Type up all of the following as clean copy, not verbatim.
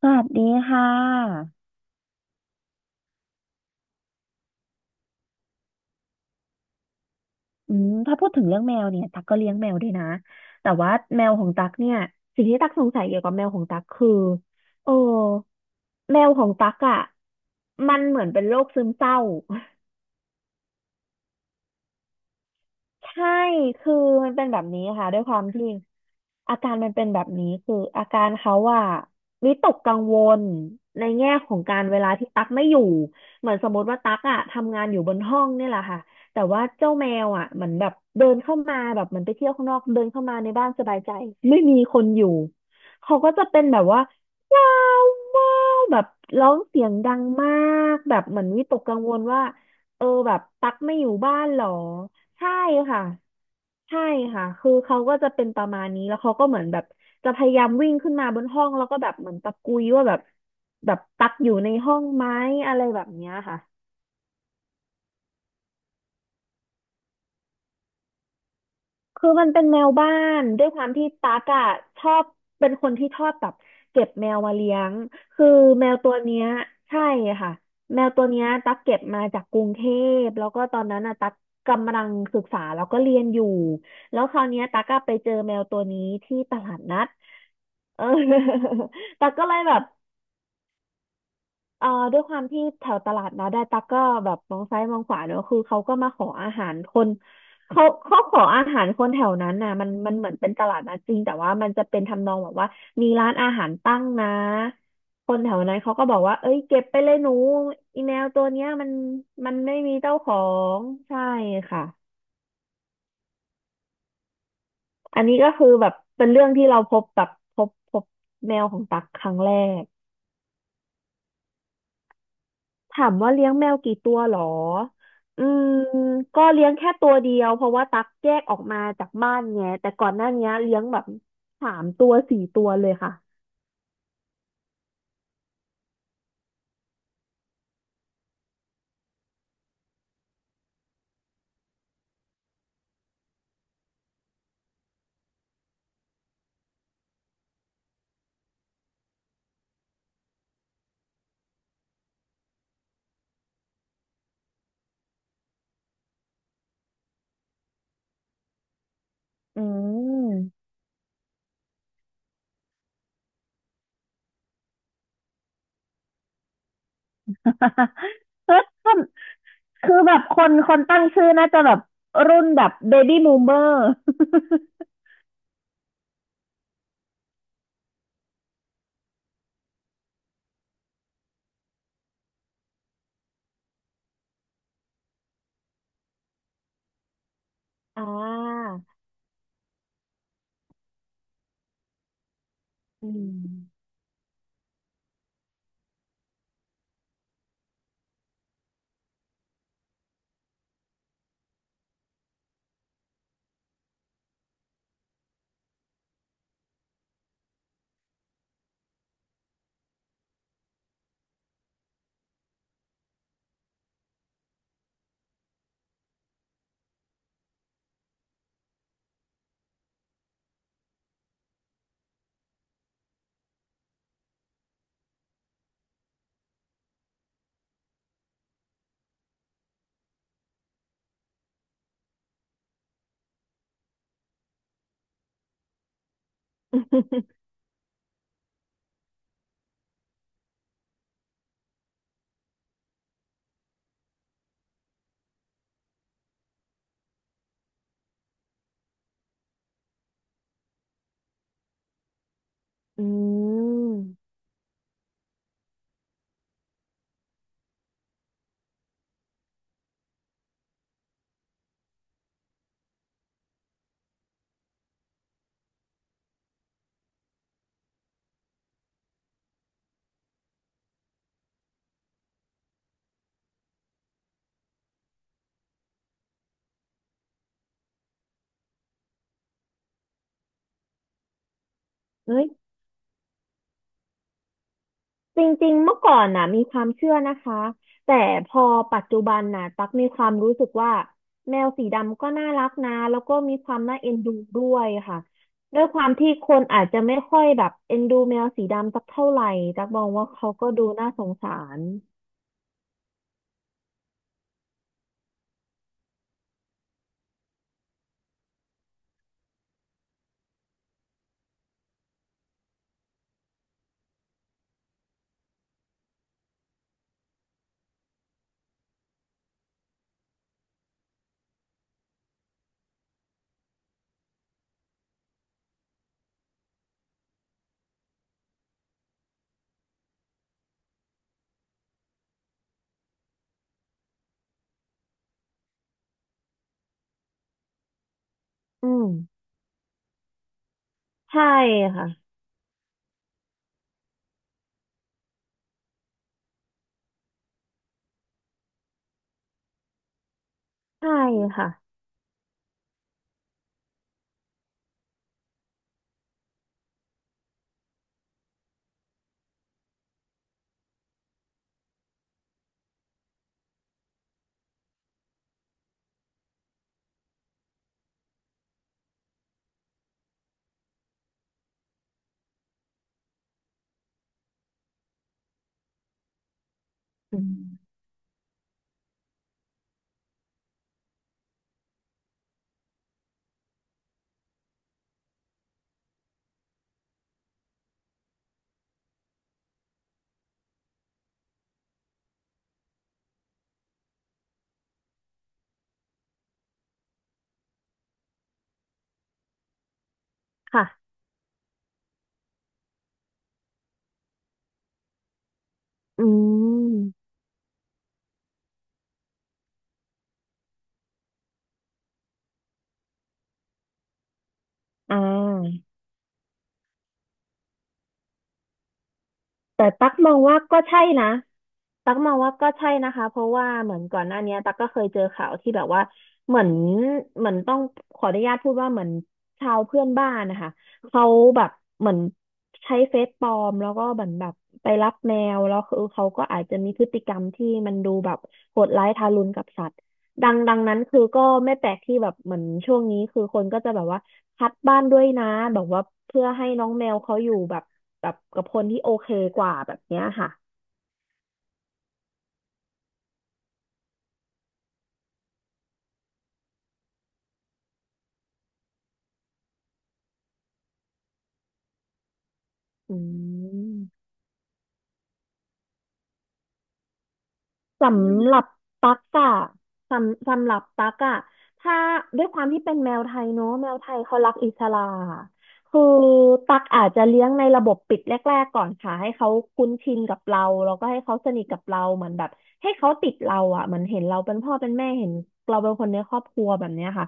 สวัสดีค่ะถ้าพูดถึงเรื่องแมวเนี่ย ตักก็เลี้ยงแมวด้วยนะ แต่ว่าแมวของตักเนี่ย สิ่งที่ตักสงสัยเกี่ยวกับแมวของตักคือโอ้แมวของตักอ่ะมันเหมือนเป็นโรคซึมเศร้า ใช่คือมันเป็นแบบนี้ค่ะด้วยความที่อาการมันเป็นแบบนี้คืออาการเขาว่าวิตกกังวลในแง่ของการเวลาที่ตั๊กไม่อยู่เหมือนสมมติว่าตั๊กอะทำงานอยู่บนห้องนี่แหละค่ะแต่ว่าเจ้าแมวอะเหมือนแบบเดินเข้ามาแบบเหมือนไปเที่ยวข้างนอกเดินเข้ามาในบ้านสบายใจไม่มีคนอยู่เขาก็จะเป็นแบบว่าว้าวว้าวแบบร้องเสียงดังมากแบบเหมือนวิตกกังวลว่าเออแบบตั๊กไม่อยู่บ้านหรอ ใช่ค่ะใช่ค่ะคือเขาก็จะเป็นประมาณนี้แล้วเขาก็เหมือนแบบจะพยายามวิ่งขึ้นมาบนห้องแล้วก็แบบเหมือนตะกุยว่าแบบตักอยู่ในห้องไหมอะไรแบบเนี้ยค่ะคือมันเป็นแมวบ้านด้วยความที่ตั๊กอะชอบเป็นคนที่ชอบแบบเก็บแมวมาเลี้ยงคือแมวตัวเนี้ยใช่ค่ะแมวตัวเนี้ยตั๊กเก็บมาจากกรุงเทพแล้วก็ตอนนั้นอะตั๊กกำลังศึกษาแล้วก็เรียนอยู่แล้วคราวเนี้ยตั๊กก็ไปเจอแมวตัวนี้ที่ตลาดนัด เออ ตักก็เลยแบบเอ่อด้วยความที่แถวตลาดนะได้ตักก็แบบมองซ้ายมองขวาเนอะคือเขาก็มาขออาหารคนเขาขออาหารคนแถวนั้นน่ะมันเหมือนเป็นตลาดนะจริงแต่ว่ามันจะเป็นทำนองแบบว่ามีร้านอาหารตั้งนะคนแถวนั้นเขาก็บอกว่าเอ้ยเก็บไปเลยหนูอีแมวตัวเนี้ยมันไม่มีเจ้าของใช่ค่ะอันนี้ก็คือแบบเป็นเรื่องที่เราพบแบบพบแมวของตักครั้งแรก ถามว่าเลี้ยงแมวกี่ตัวหรอ อืมก็เลี้ยงแค่ตัวเดียวเพราะว่าตักแยกออกมาจากบ้านไงแต่ก่อนหน้านี้เลี้ยงแบบสามตัวสี่ตัวเลยค่ะ อืม เคนคือแบบคนตั้งชื่อน่าจะแบบรุ่นแบบเบบี้ o ูเ e อร์ อ่า อืมอืมเอ้ย จริงๆเมื่อก่อนนะมีความเชื่อนะคะแต่พอปัจจุบันนะตักมีความรู้สึกว่าแมวสีดำก็น่ารักนะแล้วก็มีความน่าเอ็นดูด้วยค่ะด้วยความที่คนอาจจะไม่ค่อยแบบเอ็นดูแมวสีดำสักเท่าไหร่ตักมองว่าเขาก็ดูน่าสงสารอืมใช่ค่ะใช่ค่ะอืมค่ะอืมอ่าแต่ตักมองว่าก็ใช่นะ ตักมองว่าก็ใช่นะคะเพราะว่าเหมือนก่อนหน้าเนี้ยตักก็เคยเจอข่าวที่แบบว่าเหมือนเหมือนต้องขออนุญาตพูดว่าเหมือนชาวเพื่อนบ้านนะคะเขาแบบเหมือนใช้เฟซปลอมแล้วก็เหมือนแบบไปรับแมวแล้วคือเขาก็อาจจะมีพฤติกรรมที่มันดูแบบโหดร้ายทารุณกับสัตว์ดังนั้นคือก็ไม่แปลกที่แบบเหมือนช่วงนี้คือคนก็จะแบบว่าคัดบ้านด้วยนะแบบว่าเพื่อให้น้องแมวเขาอยู่แบบกับคนที่โอเคกว่าแบบเนี้ยค่ะอืม สำหรับตั๊กอะสำหรับตั๊กอะถ้าด้วยความที่เป็นแมวไทยเนอะแมวไทยเขารักอิสระคือตั๊กอาจจะเลี้ยงในระบบปิดแรกๆก่อนค่ะให้เขาคุ้นชินกับเราแล้วก็ให้เขาสนิทกับเราเหมือนแบบให้เขาติดเราอะเหมือนเห็นเราเป็นพ่อเป็นแม่เห็นเราเป็นคนในครอบครัวแบบเนี้ยค่ะ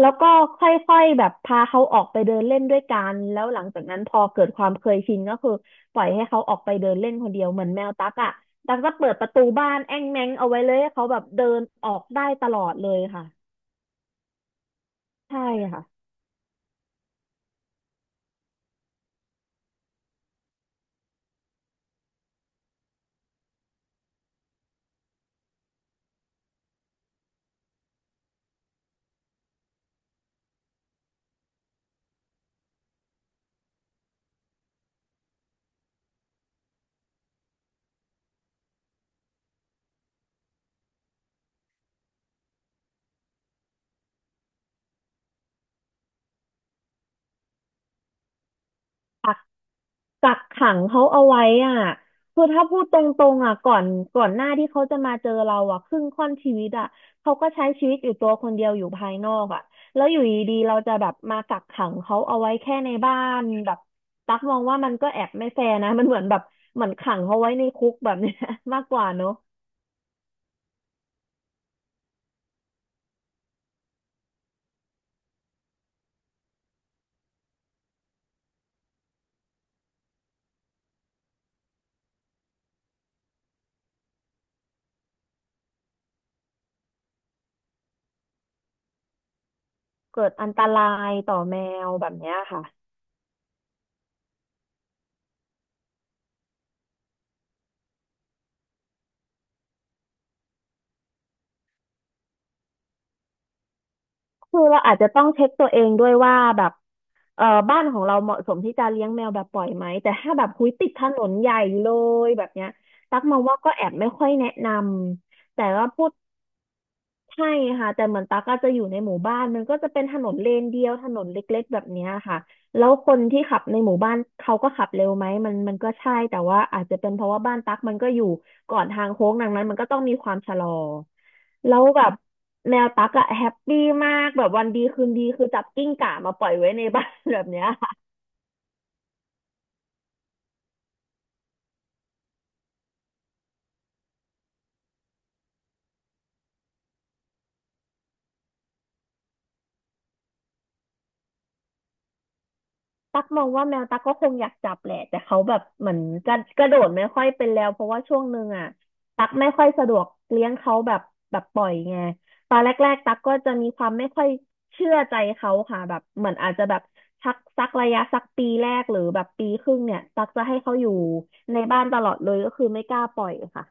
แล้วก็ค่อยๆแบบพาเขาออกไปเดินเล่นด้วยกันแล้วหลังจากนั้นพอเกิดความเคยชินก็คือปล่อยให้เขาออกไปเดินเล่นคนเดียวเหมือนแมวตั๊กอ่ะ ดักจะเปิดประตูบ้านแอ้งแม้งเอาไว้เลยให้เขาแบบเดินออกได้ตลอดเลยค่ะใช่ค่ะกักกักขังเขาเอาไว้อ่ะคือถ้าพูดตรงๆอ่ะก่อนหน้าที่เขาจะมาเจอเราอ่ะครึ่งค่อนชีวิตอ่ะเขาก็ใช้ชีวิตอยู่ตัวคนเดียวอยู่ภายนอกอ่ะแล้วอยู่ดีๆเราจะแบบมากักขังเขาเอาไว้แค่ในบ้านแบบตักมองว่ามันก็แอบไม่แฟร์นะมันเหมือนแบบเหมือนขังเขาไว้ในคุกแบบเนี้ย มากกว่าเนอะเกิดอันตรายต่อแมวแบบเนี้ยค่ะ คือเราอาจจะต้องเช็คตัวเองด้วยว่าแบบเออบ้านของเราเหมาะสมที่จะเลี้ยงแมวแบบปล่อยไหมแต่ถ้าแบบคุยติดถนนใหญ่เลยแบบเนี้ยตักมองว่าก็แอบไม่ค่อยแนะนำแต่ว่าพูด ใช่ค่ะแต่เหมือนตั๊กก็จะอยู่ในหมู่บ้านมันก็จะเป็นถนนเลนเดียวถนนเล็กๆแบบเนี้ยค่ะแล้วคนที่ขับในหมู่บ้านเขาก็ขับเร็วไหมมันก็ใช่แต่ว่าอาจจะเป็นเพราะว่าบ้านตั๊กมันก็อยู่ก่อนทางโค้งดังนั้นมันก็ต้องมีความชะลอแล้วแบบแมวตั๊กอะแฮปปี้มากแบบวันดีคืนดีคือจับกิ้งก่ามาปล่อยไว้ในบ้าน แบบเนี้ย ตักมองว่าแมวตักก็คงอยากจับแหละแต่เขาแบบเหมือนกระโดดไม่ค่อยเป็นแล้วเพราะว่าช่วงหนึ่งอ่ะตักไม่ค่อยสะดวกเลี้ยงเขาแบบปล่อยไงตอนแรกๆตักก็จะมีความไม่ค่อยเชื่อใจเขาค่ะแบบเหมือนอาจจะแบบสักระยะสักปีแรกหรือแบบปีครึ่งเนี่ยตักจะให้เขาอยู่ในบ้านตลอดเลยก็คือไม่กล้าปล่อยค่ะ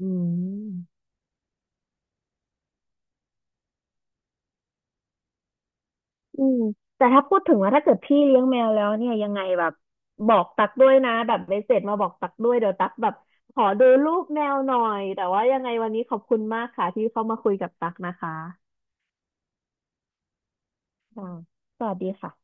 อืม อืมแต่ถ้าพูดถึงว่าถ้าเกิดพี่เลี้ยงแมวแล้วเนี่ยยังไงแบบบอกตักด้วยนะแบบเมสเสจมาบอกตักด้วยเดี๋ยวตักแบบขอดูรูปแมวหน่อยแต่ว่ายังไงวันนี้ขอบคุณมากค่ะที่เข้ามาคุยกับตักนะคะอ่าสวัสดีค่ะ